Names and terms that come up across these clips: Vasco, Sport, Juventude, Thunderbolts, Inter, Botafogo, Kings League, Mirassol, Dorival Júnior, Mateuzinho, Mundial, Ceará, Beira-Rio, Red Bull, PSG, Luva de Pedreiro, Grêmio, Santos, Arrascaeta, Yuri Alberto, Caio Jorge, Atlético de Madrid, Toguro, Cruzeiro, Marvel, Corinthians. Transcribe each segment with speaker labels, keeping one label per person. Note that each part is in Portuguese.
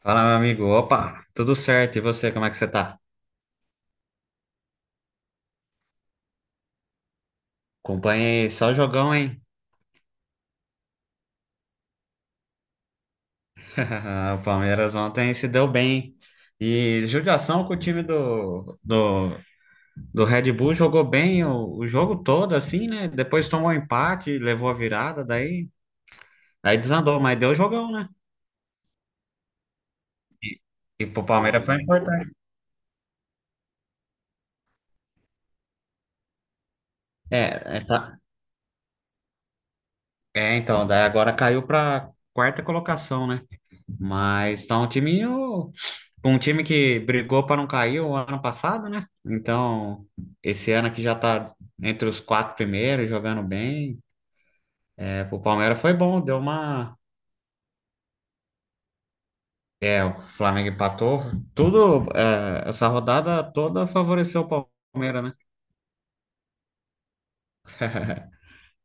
Speaker 1: Fala, meu amigo. Opa, tudo certo? E você, como é que você tá? Acompanhei só jogão, hein? O Palmeiras ontem se deu bem. E judiação com o time do Red Bull jogou bem o jogo todo, assim, né? Depois tomou empate, levou a virada, daí, aí desandou, mas deu jogão, né? E, e pro Palmeiras foi importante. É, é, tá. É, então, daí agora caiu pra quarta colocação, né? Mas tá um timinho. Um time que brigou para não cair o ano passado, né? Então, esse ano aqui já tá entre os quatro primeiros, jogando bem. É, pro Palmeiras foi bom, deu uma. É, o Flamengo empatou. Tudo, é, essa rodada toda favoreceu o Palmeiras, né?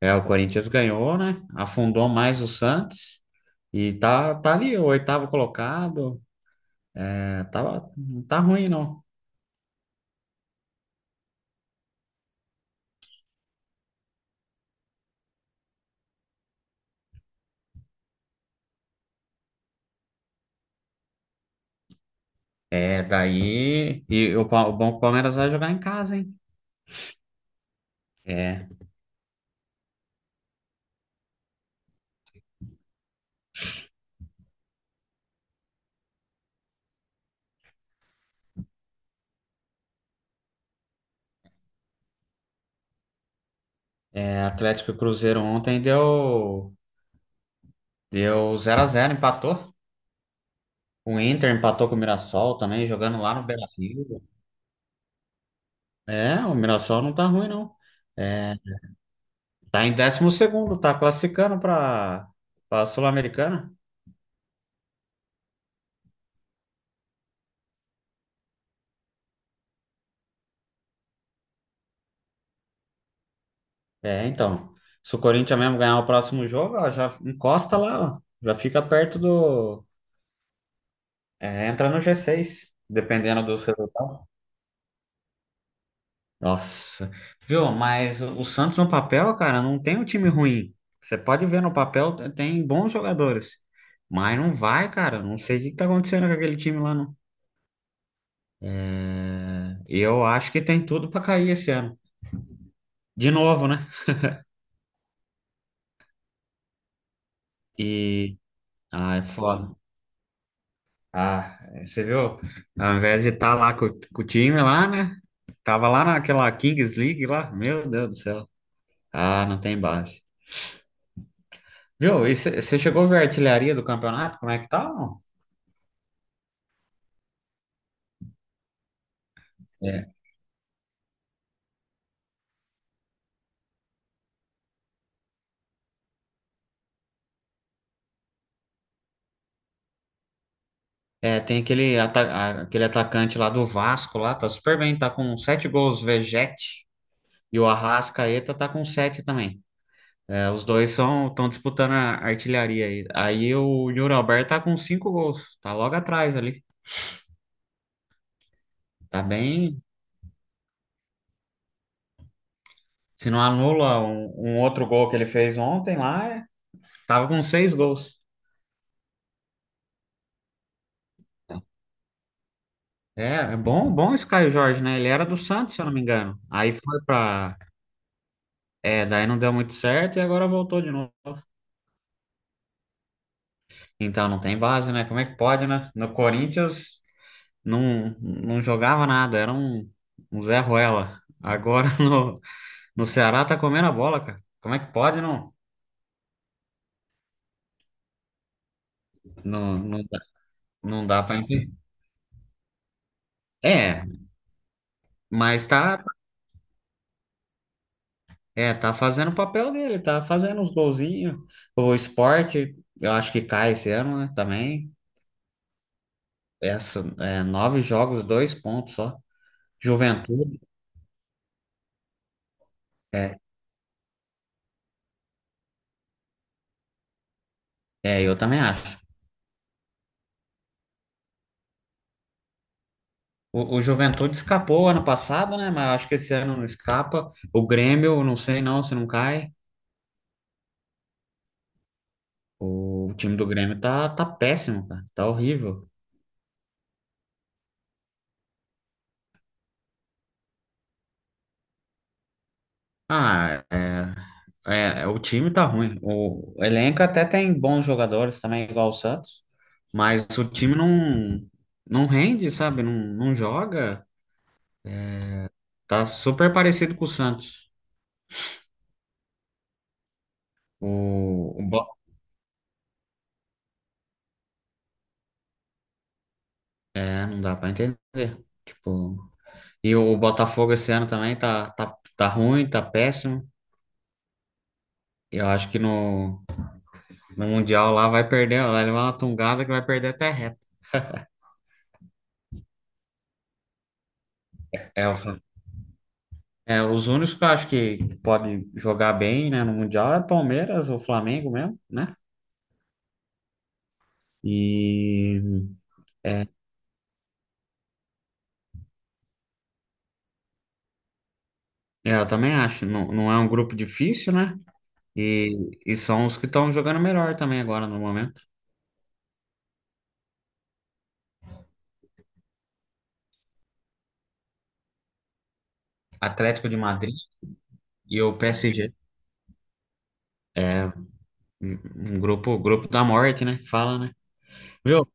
Speaker 1: É, o Corinthians ganhou, né? Afundou mais o Santos. E tá, tá ali, o oitavo colocado. É, tá, não tá ruim, não. É, daí. E o, Pa- o bom é que o Palmeiras vai jogar em casa, hein? É. É, Atlético e Cruzeiro ontem deu deu zero a zero empatou. O Inter empatou com o Mirassol também, jogando lá no Beira-Rio. É, o Mirassol não tá ruim não. É, tá em décimo segundo, tá classificando para Sul-Americana. É, então, se o Corinthians mesmo ganhar o próximo jogo, ó, já encosta lá, ó, já fica perto do é, entra no g seis, dependendo dos resultados. Nossa, viu? Mas o Santos no papel, cara, não tem um time ruim. Você pode ver no papel, tem bons jogadores. Mas não vai, cara. Não sei o que que tá acontecendo com aquele time lá, não. É, eu acho que tem tudo pra cair esse ano. De novo, né? E. Ah, é foda. Ah, você viu? Ao invés de estar lá com o time lá, né? Tava lá naquela Kings League lá. Meu Deus do céu. Ah, não tem base. Viu? E você chegou a ver a artilharia do campeonato? Como é que tá? Não? É. É, tem aquele, aquele atacante lá do Vasco lá, tá super bem, tá com sete gols, Vegete, e o Arrascaeta tá com sete também. É, os dois são estão disputando a artilharia aí. Aí o Yuri Alberto tá com cinco gols, tá logo atrás ali. Tá bem. Se não anula um, um outro gol que ele fez ontem lá, tava com seis gols. É, é bom, bom esse Caio Jorge, né? Ele era do Santos, se eu não me engano. Aí foi pra. É, daí não deu muito certo e agora voltou de novo. Então não tem base, né? Como é que pode, né? No Corinthians não jogava nada, era um, um Zé Ruela. Agora no, no Ceará tá comendo a bola, cara. Como é que pode, não? Não, não dá, não dá pra entender. É, mas tá, é, tá fazendo o papel dele, tá fazendo os golzinhos. O Sport, eu acho que cai esse ano, né? Também. Essa, é, nove jogos, dois pontos só. Juventude, é, é, eu também acho. O Juventude escapou ano passado, né? Mas acho que esse ano não escapa. O Grêmio, eu não sei não se não cai. O time do Grêmio tá, tá péssimo, cara. Tá horrível. Ah, é, é, é, o time tá ruim. O elenco até tem bons jogadores também, igual o Santos. Mas o time não, não rende, sabe? Não, não joga. Tá super parecido com o Santos. Bo- é, não dá pra entender. Tipo. E o Botafogo esse ano também tá, tá, tá ruim, tá péssimo. Eu acho que no, no Mundial lá vai perder, lá levar uma tungada que vai perder até reta. É, o Fla- é, os únicos que eu acho que pode jogar bem, né, no Mundial é Palmeiras ou Flamengo mesmo, né? E é, eu também acho, não, não é um grupo difícil, né? E são os que estão jogando melhor também agora no momento. Atlético de Madrid e o PSG. É um grupo, grupo da morte, né? Que fala, né? Viu?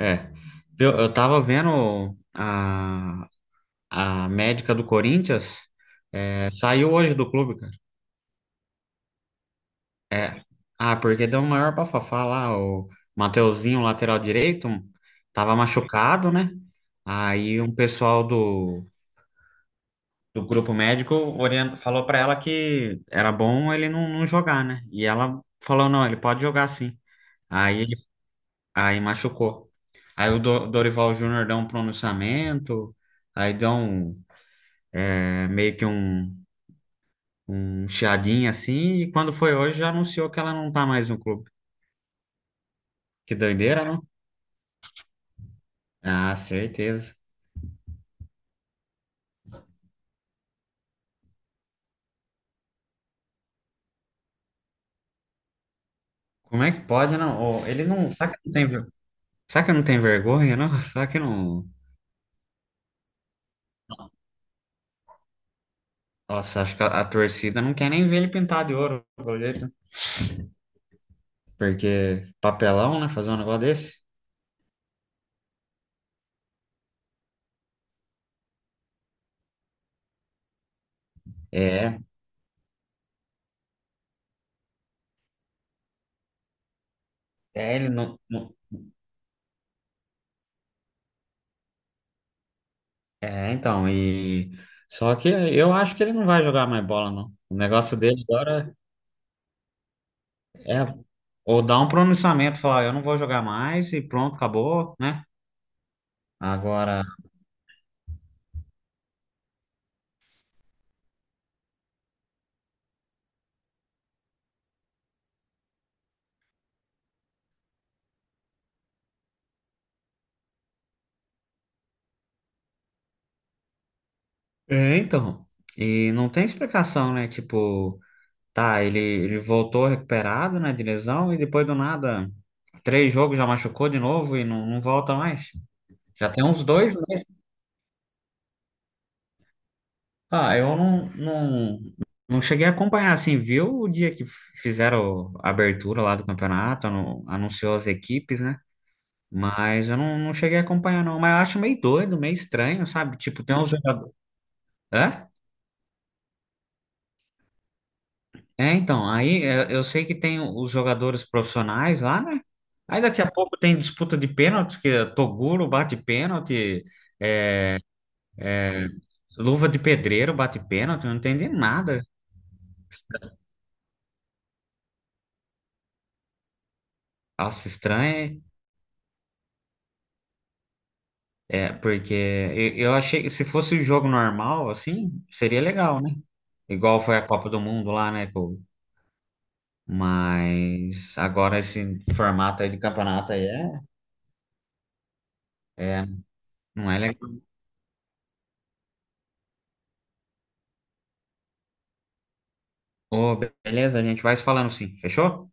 Speaker 1: É. Eu tava vendo a médica do Corinthians, é, saiu hoje do clube, cara. É. Ah, porque deu o maior bafafá lá, o Mateuzinho, lateral direito, tava machucado, né? Aí um pessoal do, do grupo médico falou pra ela que era bom ele não, não jogar, né? E ela falou, não, ele pode jogar sim. Aí, aí machucou. Aí o Dorival Júnior deu um pronunciamento, aí deu um é, meio que um chiadinho assim, e quando foi hoje já anunciou que ela não tá mais no clube. Que doideira, não? Ah, certeza. Como é que pode, não? Ô, ele não, sabe que não tem, sabe que não tem vergonha, não? Sabe que não. Nossa, acho que a torcida não quer nem ver ele pintar de ouro, pelo jeito. Porque papelão, né? Fazer um negócio desse. É, é, ele não, não- É, então, e. Só que eu acho que ele não vai jogar mais bola, não. O negócio dele agora. É, ou dá um pronunciamento, falar, eu não vou jogar mais e pronto, acabou, né? Agora, é, então, e não tem explicação, né? Tipo, tá, ele voltou recuperado, né, de lesão e depois do nada, três jogos já machucou de novo e não, não volta mais. Já tem uns dois, né? Ah, eu não, não, não cheguei a acompanhar, assim, viu o dia que fizeram a abertura lá do campeonato, anunciou as equipes, né? Mas eu não, não cheguei a acompanhar, não. Mas eu acho meio doido, meio estranho, sabe? Tipo, tem uns jogadores. Hã? É, então, aí é, eu sei que tem os jogadores profissionais lá, né? Aí daqui a pouco tem disputa de pênaltis, que é Toguro bate pênalti, é, Luva de Pedreiro bate pênalti, eu não entendi nada. Nossa, estranho, é, é, porque eu achei que se fosse o jogo normal, assim, seria legal, né? Igual foi a Copa do Mundo lá, né? Mas agora esse formato aí de campeonato aí é, é, não é legal. Ô, beleza, a gente vai se falando sim. Fechou?